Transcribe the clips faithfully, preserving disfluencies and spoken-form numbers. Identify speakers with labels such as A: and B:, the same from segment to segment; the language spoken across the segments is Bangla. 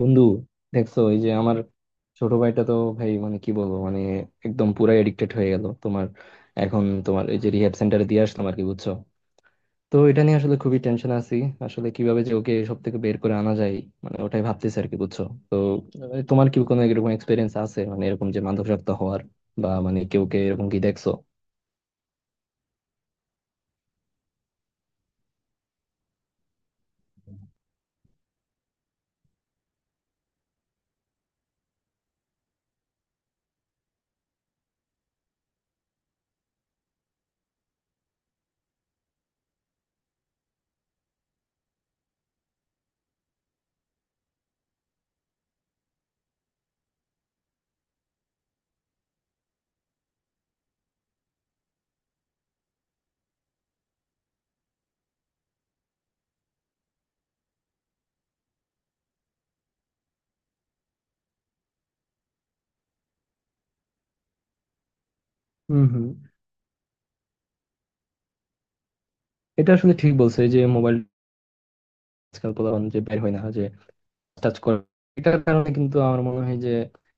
A: বন্ধু, দেখছো এই যে আমার ছোট ভাইটা তো, ভাই মানে কি বলবো, মানে একদম পুরাই এডিক্টেড হয়ে গেল। তোমার এখন তোমার এই যে রিহ্যাব সেন্টারে দিয়ে আসলাম আর কি, বুঝছো? তো এটা নিয়ে আসলে খুবই টেনশন আছি। আসলে কিভাবে যে ওকে সব থেকে বের করে আনা যায়, মানে ওটাই ভাবতেছি আর কি, বুঝছো? তো আহ, তোমার কি কোনো এরকম এক্সপিরিয়েন্স আছে, মানে এরকম যে মাদকাসক্ত হওয়ার, বা মানে কেউ কে এরকম কি দেখছো? হুম হুম। এটা আসলে ঠিক বলছো। এই যে মোবাইল, আজকাল পোলাপান যে বের হয় না, যে টাচ করে, এটার কারণে কিন্তু আমার মনে হয় যে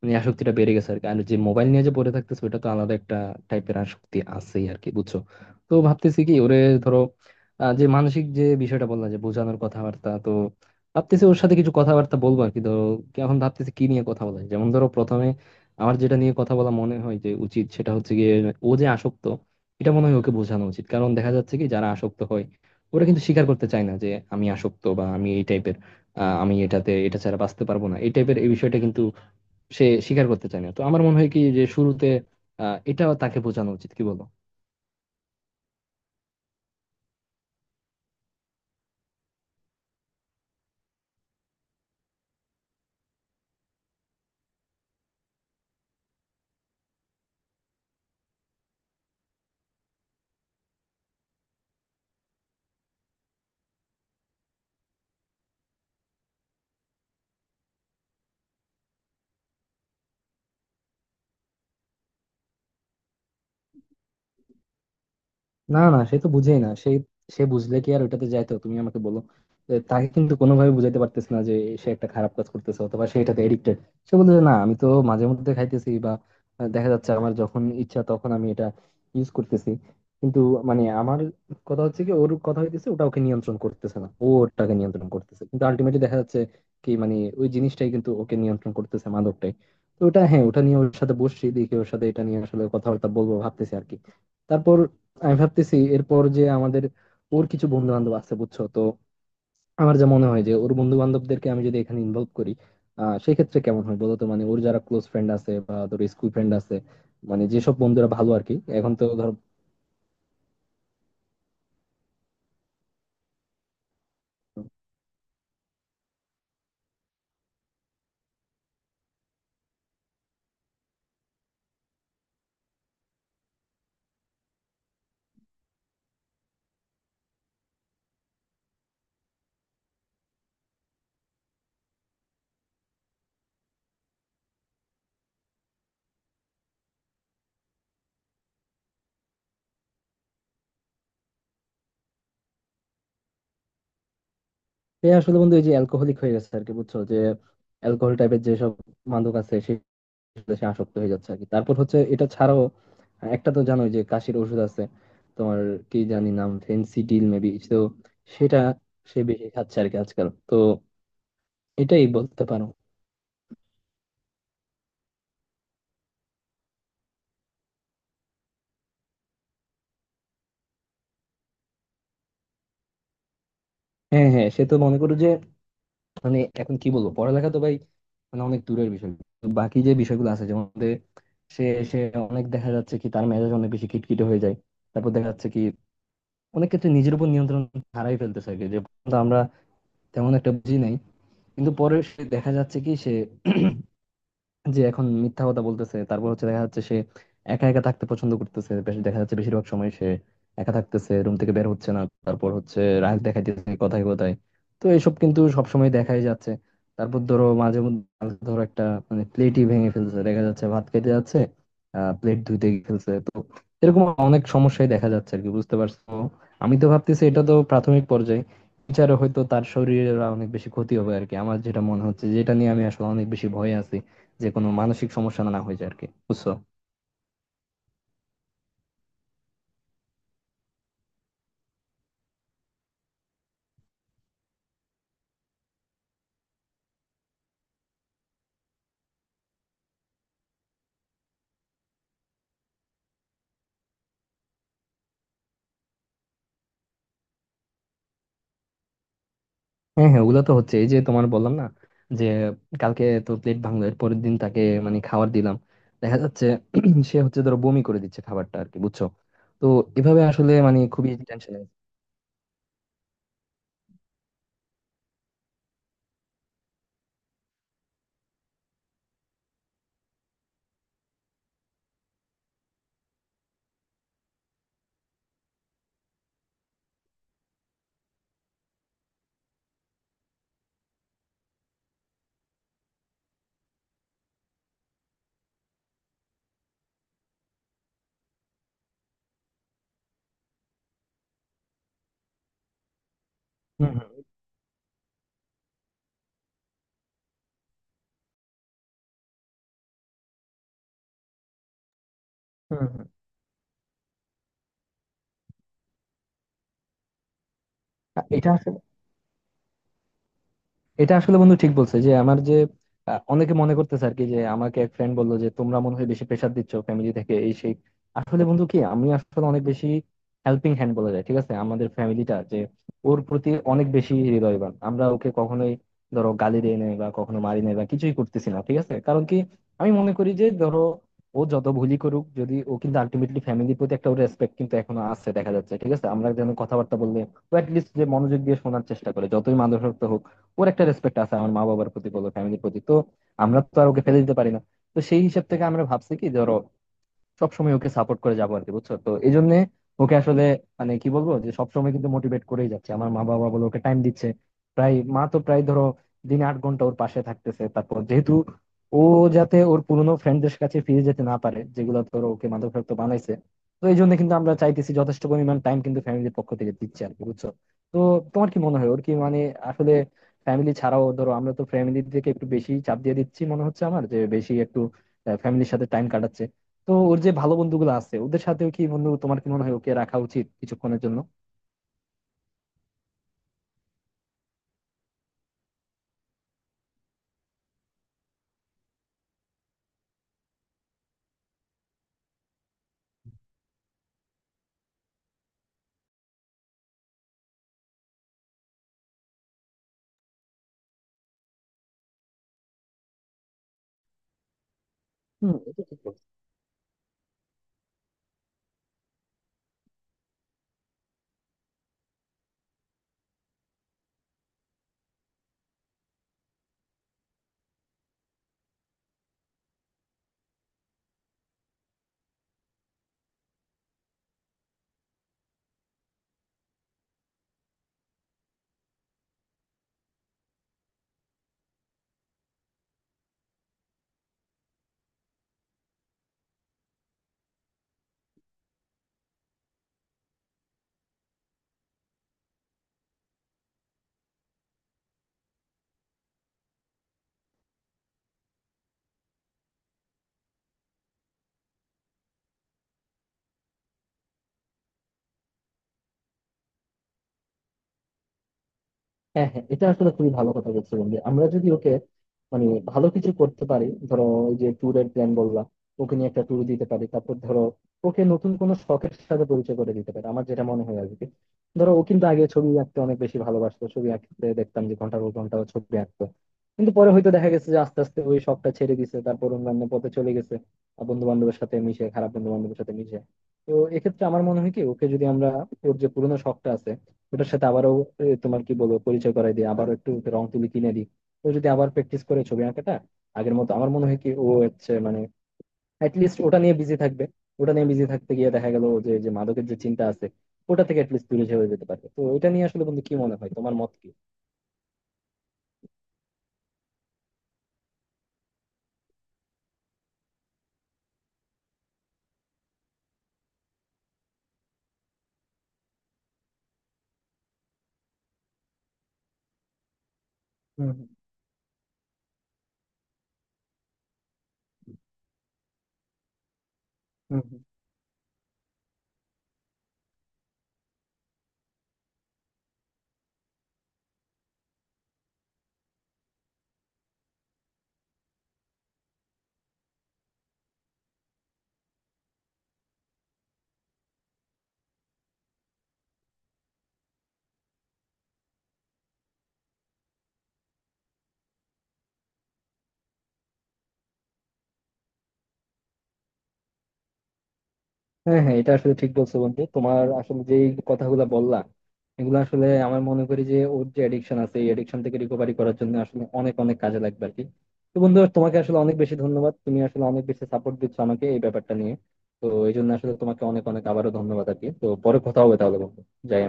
A: মানে আসক্তিটা বেড়ে গেছে আর কি। আর যে মোবাইল নিয়ে যে পড়ে থাকতেছে, ওটা তো আলাদা একটা টাইপের আসক্তি আছেই আর কি, বুঝছো? তো ভাবতেছি কি ওরে, ধরো, আহ, যে মানসিক যে বিষয়টা বললাম যে বোঝানোর কথাবার্তা, তো ভাবতেছি ওর সাথে কিছু কথাবার্তা বলবো আর কি, ধরো। কি এখন ভাবতেছি কি নিয়ে কথা বলা যায়। যেমন ধরো, প্রথমে আমার যেটা নিয়ে কথা বলা মনে হয় যে উচিত, সেটা হচ্ছে গিয়ে ও যে আসক্ত, এটা মনে হয় ওকে বোঝানো উচিত। কারণ দেখা যাচ্ছে কি, যারা আসক্ত হয় ওরা কিন্তু স্বীকার করতে চায় না যে আমি আসক্ত, বা আমি এই টাইপের, আহ, আমি এটাতে এটা ছাড়া বাঁচতে পারবো না, এই টাইপের এই বিষয়টা কিন্তু সে স্বীকার করতে চায় না। তো আমার মনে হয় কি যে শুরুতে আহ, এটাও তাকে বোঝানো উচিত, কি বলো? না না, সে তো বুঝেই না। সে সে বুঝলে কি আর ওইটাতে যাইতো, তুমি আমাকে বলো। যে তাকে কিন্তু কোনোভাবে বুঝাইতে পারতেছ না যে সে একটা খারাপ কাজ করতেছে, অথবা সে এটাতে এডিক্টেড। সে বলতে না আমি তো মাঝে মধ্যে খাইতেছি, বা আহ, দেখা যাচ্ছে আমার যখন ইচ্ছা তখন আমি এটা ইউজ করতেছি। কিন্তু মানে আমার কথা হচ্ছে কি, ওর কথা হইতেছে ওটা ওকে নিয়ন্ত্রণ করতেছে না, ও ওটাকে নিয়ন্ত্রণ করতেছে, কিন্তু আলটিমেটলি দেখা যাচ্ছে কি মানে ওই জিনিসটাই কিন্তু ওকে নিয়ন্ত্রণ করতেছে, মাদকটাই। তো ওটা, হ্যাঁ, ওটা নিয়ে ওর সাথে বসছি, দেখি ওর সাথে এটা নিয়ে আসলে কথাবার্তা বলবো ভাবতেছি আর কি। তারপর আমি ভাবতেছি এরপর যে আমাদের, ওর কিছু বন্ধু বান্ধব আছে, বুঝছো? তো আমার যা মনে হয় যে ওর বন্ধু বান্ধবদেরকে আমি যদি এখানে ইনভলভ করি, আহ সেই ক্ষেত্রে কেমন হয় বলতো। মানে ওর যারা ক্লোজ ফ্রেন্ড আছে, বা ধরো স্কুল ফ্রেন্ড আছে, মানে যেসব বন্ধুরা ভালো আর কি, এখন তো ধরো। সে আসলে, বন্ধু, এই যে অ্যালকোহলিক হয়ে গেছে আর কি, বুঝছো? যে অ্যালকোহল টাইপের যেসব মাদক আছে, সে সে আসক্ত হয়ে যাচ্ছে আর কি। তারপর হচ্ছে এটা ছাড়াও একটা তো জানোই, যে কাশির ওষুধ আছে তোমার, কি জানি নাম, ফেন্সিডিল মেবি। তো সেটা সে বেশি খাচ্ছে আর কি আজকাল, তো এটাই বলতে পারো। হ্যাঁ হ্যাঁ, সে তো মনে করো যে মানে এখন কি বলবো, পড়ালেখা তো ভাই মানে অনেক দূরের বিষয়। তো বাকি যে বিষয়গুলো আছে যেমন যে, সে, সে অনেক, দেখা যাচ্ছে কি তার মেজাজ অনেক বেশি খিটখিটে হয়ে যায়। তারপর দেখা যাচ্ছে কি অনেক ক্ষেত্রে নিজের উপর নিয়ন্ত্রণ হারাই ফেলতেছে। আগে যে প্রথমত আমরা তেমন একটা বুঝি নাই, কিন্তু পরে সে দেখা যাচ্ছে কি সে যে এখন মিথ্যা কথা বলতেছে। তারপর হচ্ছে দেখা যাচ্ছে সে একা একা থাকতে পছন্দ করতেছে বেশ, দেখা যাচ্ছে বেশিরভাগ সময় সে একা থাকতেছে, রুম থেকে বের হচ্ছে না। তারপর হচ্ছে রাগ দেখাইতেছে কথায় কথায়। তো এসব কিন্তু সবসময় দেখাই যাচ্ছে। তারপর ধরো মাঝে মধ্যে ধরো একটা, মানে প্লেটই ভেঙে ফেলছে, দেখা যাচ্ছে ভাত খেতে যাচ্ছে, আহ প্লেট ধুইতে গিয়ে ফেলছে। তো এরকম অনেক সমস্যাই দেখা যাচ্ছে আর কি, বুঝতে পারছো? আমি তো ভাবতেছি এটা তো প্রাথমিক পর্যায়ে, বিচারে হয়তো তার শরীরের অনেক বেশি ক্ষতি হবে আর কি। আমার যেটা মনে হচ্ছে, যেটা নিয়ে আমি আসলে অনেক বেশি ভয়ে আছি, যে কোনো মানসিক সমস্যা না হয়ে যায় আর কি, বুঝছো? হ্যাঁ হ্যাঁ, ওগুলো তো হচ্ছে। এই যে তোমার বললাম না, যে কালকে তো প্লেট ভাঙলো, এর পরের দিন তাকে মানে খাবার দিলাম, দেখা যাচ্ছে সে হচ্ছে ধরো বমি করে দিচ্ছে খাবারটা আর কি, বুঝছো? তো এভাবে আসলে মানে খুবই টেনশন। হম হম হম হম। এটা আসলে এটা আসলে বন্ধু ঠিক বলছে, যে আমার যে আহ, অনেকে মনে করতেছে আর কি, যে আমাকে এক ফ্রেন্ড বললো যে তোমরা মনে হয় বেশি প্রেসার দিচ্ছ ফ্যামিলি থেকে, এই সেই। আসলে বন্ধু কি, আমি আসলে অনেক বেশি হেল্পিং হ্যান্ড বলা যায়, ঠিক আছে? আমাদের ফ্যামিলিটা যে ওর প্রতি অনেক বেশি হৃদয়বান। আমরা ওকে কখনোই ধরো গালি দেই নাই, বা কখনো মারি নাই, বা কিছুই করতেছি না, ঠিক আছে? কারণ কি, আমি মনে করি যে ধরো ও যত ভুলই করুক, যদি ও কিন্তু আলটিমেটলি ফ্যামিলির প্রতি একটা রেসপেক্ট কিন্তু এখনো আছে দেখা যাচ্ছে, ঠিক আছে? আমরা যেন কথাবার্তা বললে ও লিস্ট যে মনোযোগ দিয়ে শোনার চেষ্টা করে, যতই মাদক হোক ওর একটা রেসপেক্ট আছে আমার মা বাবার প্রতি বলো, ফ্যামিলির প্রতি। তো আমরা তো আর ওকে ফেলে দিতে পারি না। তো সেই হিসাব থেকে আমরা ভাবছি কি, ধরো সবসময় ওকে সাপোর্ট করে যাবো আর কি, বুঝছো? তো এই জন্য ওকে আসলে মানে কি বলবো, যে সবসময় কিন্তু মোটিভেট করেই যাচ্ছে আমার মা বাবা বলে, ওকে টাইম দিচ্ছে। প্রায় মা তো প্রায় ধরো দিনে আট ঘন্টা ওর পাশে থাকতেছে। তারপর যেহেতু ও, যাতে ওর পুরোনো ফ্রেন্ডদের কাছে ফিরে যেতে না পারে যেগুলো ধরো ওকে মাদকাসক্ত বানাইছে, তো এই জন্য কিন্তু আমরা চাইতেছি যথেষ্ট পরিমাণ টাইম কিন্তু ফ্যামিলির পক্ষ থেকে দিচ্ছে আর কি, বুঝছো? তো তোমার কি মনে হয়, ওর কি মানে আসলে ফ্যামিলি ছাড়াও ধরো, আমরা তো ফ্যামিলি থেকে একটু বেশি চাপ দিয়ে দিচ্ছি মনে হচ্ছে আমার, যে বেশি একটু ফ্যামিলির সাথে টাইম কাটাচ্ছে। তো ওর যে ভালো বন্ধুগুলো আছে ওদের সাথেও কি, বন্ধু তোমার কি মনে হয় ওকে রাখা উচিত কিছুক্ষণের জন্য? হম, এটা ঠিক বলেছো। হ্যাঁ হ্যাঁ, এটা আসলে খুবই ভালো কথা বলছো বন্ধু। আমরা যদি ওকে মানে ভালো কিছু করতে পারি, ধরো ওই যে ট্যুরের প্ল্যান বললাম, ওকে নিয়ে একটা ট্যুর দিতে পারি। তারপর ধরো ওকে নতুন কোনো শখের সাথে পরিচয় করে দিতে পারি, আমার যেটা মনে হয় আর কি। ধরো ও কিন্তু আগে ছবি আঁকতে অনেক বেশি ভালোবাসতো, ছবি আঁকতে দেখতাম যে ঘন্টার পর ঘন্টা ও ছবি আঁকতো। কিন্তু পরে হয়তো দেখা গেছে যে আস্তে আস্তে ওই শখটা ছেড়ে দিছে, তারপর অন্যান্য পথে চলে গেছে, বন্ধু বান্ধবের সাথে মিশে, খারাপ বন্ধু বান্ধবের সাথে মিশে। তো এক্ষেত্রে আমার মনে হয় কি, ওকে যদি আমরা ওর যে পুরোনো শখটা আছে ওটার সাথে আবারও, এ, তোমার কি বলবো, পরিচয় করাই দিই আবারও, একটু ওকে রং তুলি কিনে দিই। ও যদি আবার প্র্যাকটিস করে ছবি আঁকাটা আগের মতো, আমার মনে হয় কি ও হচ্ছে মানে অ্যাটলিস্ট ওটা নিয়ে বিজি থাকবে। ওটা নিয়ে বিজি থাকতে গিয়ে দেখা গেল যে যে মাদকের যে চিন্তা আছে ওটা থেকে অ্যাটলিস্ট দূরে সরে যেতে পারবে। তো এটা নিয়ে আসলে বন্ধু কি মনে হয় তোমার, মত কি? হম হম। হ্যাঁ হ্যাঁ, এটা আসলে ঠিক বলছো বন্ধু। তোমার আসলে যে কথাগুলো বললা, এগুলো আসলে আমার মনে করি যে ওর যে এডিকশন আছে, এই এডিকশন থেকে রিকভারি করার জন্য আসলে অনেক অনেক কাজে লাগবে আর কি। তো বন্ধু, তোমাকে আসলে অনেক বেশি ধন্যবাদ। তুমি আসলে অনেক বেশি সাপোর্ট দিচ্ছ আমাকে এই ব্যাপারটা নিয়ে। তো এই জন্য আসলে তোমাকে অনেক অনেক আবারও ধন্যবাদ আর কি। তো পরে কথা হবে তাহলে বন্ধু। যাই আমি।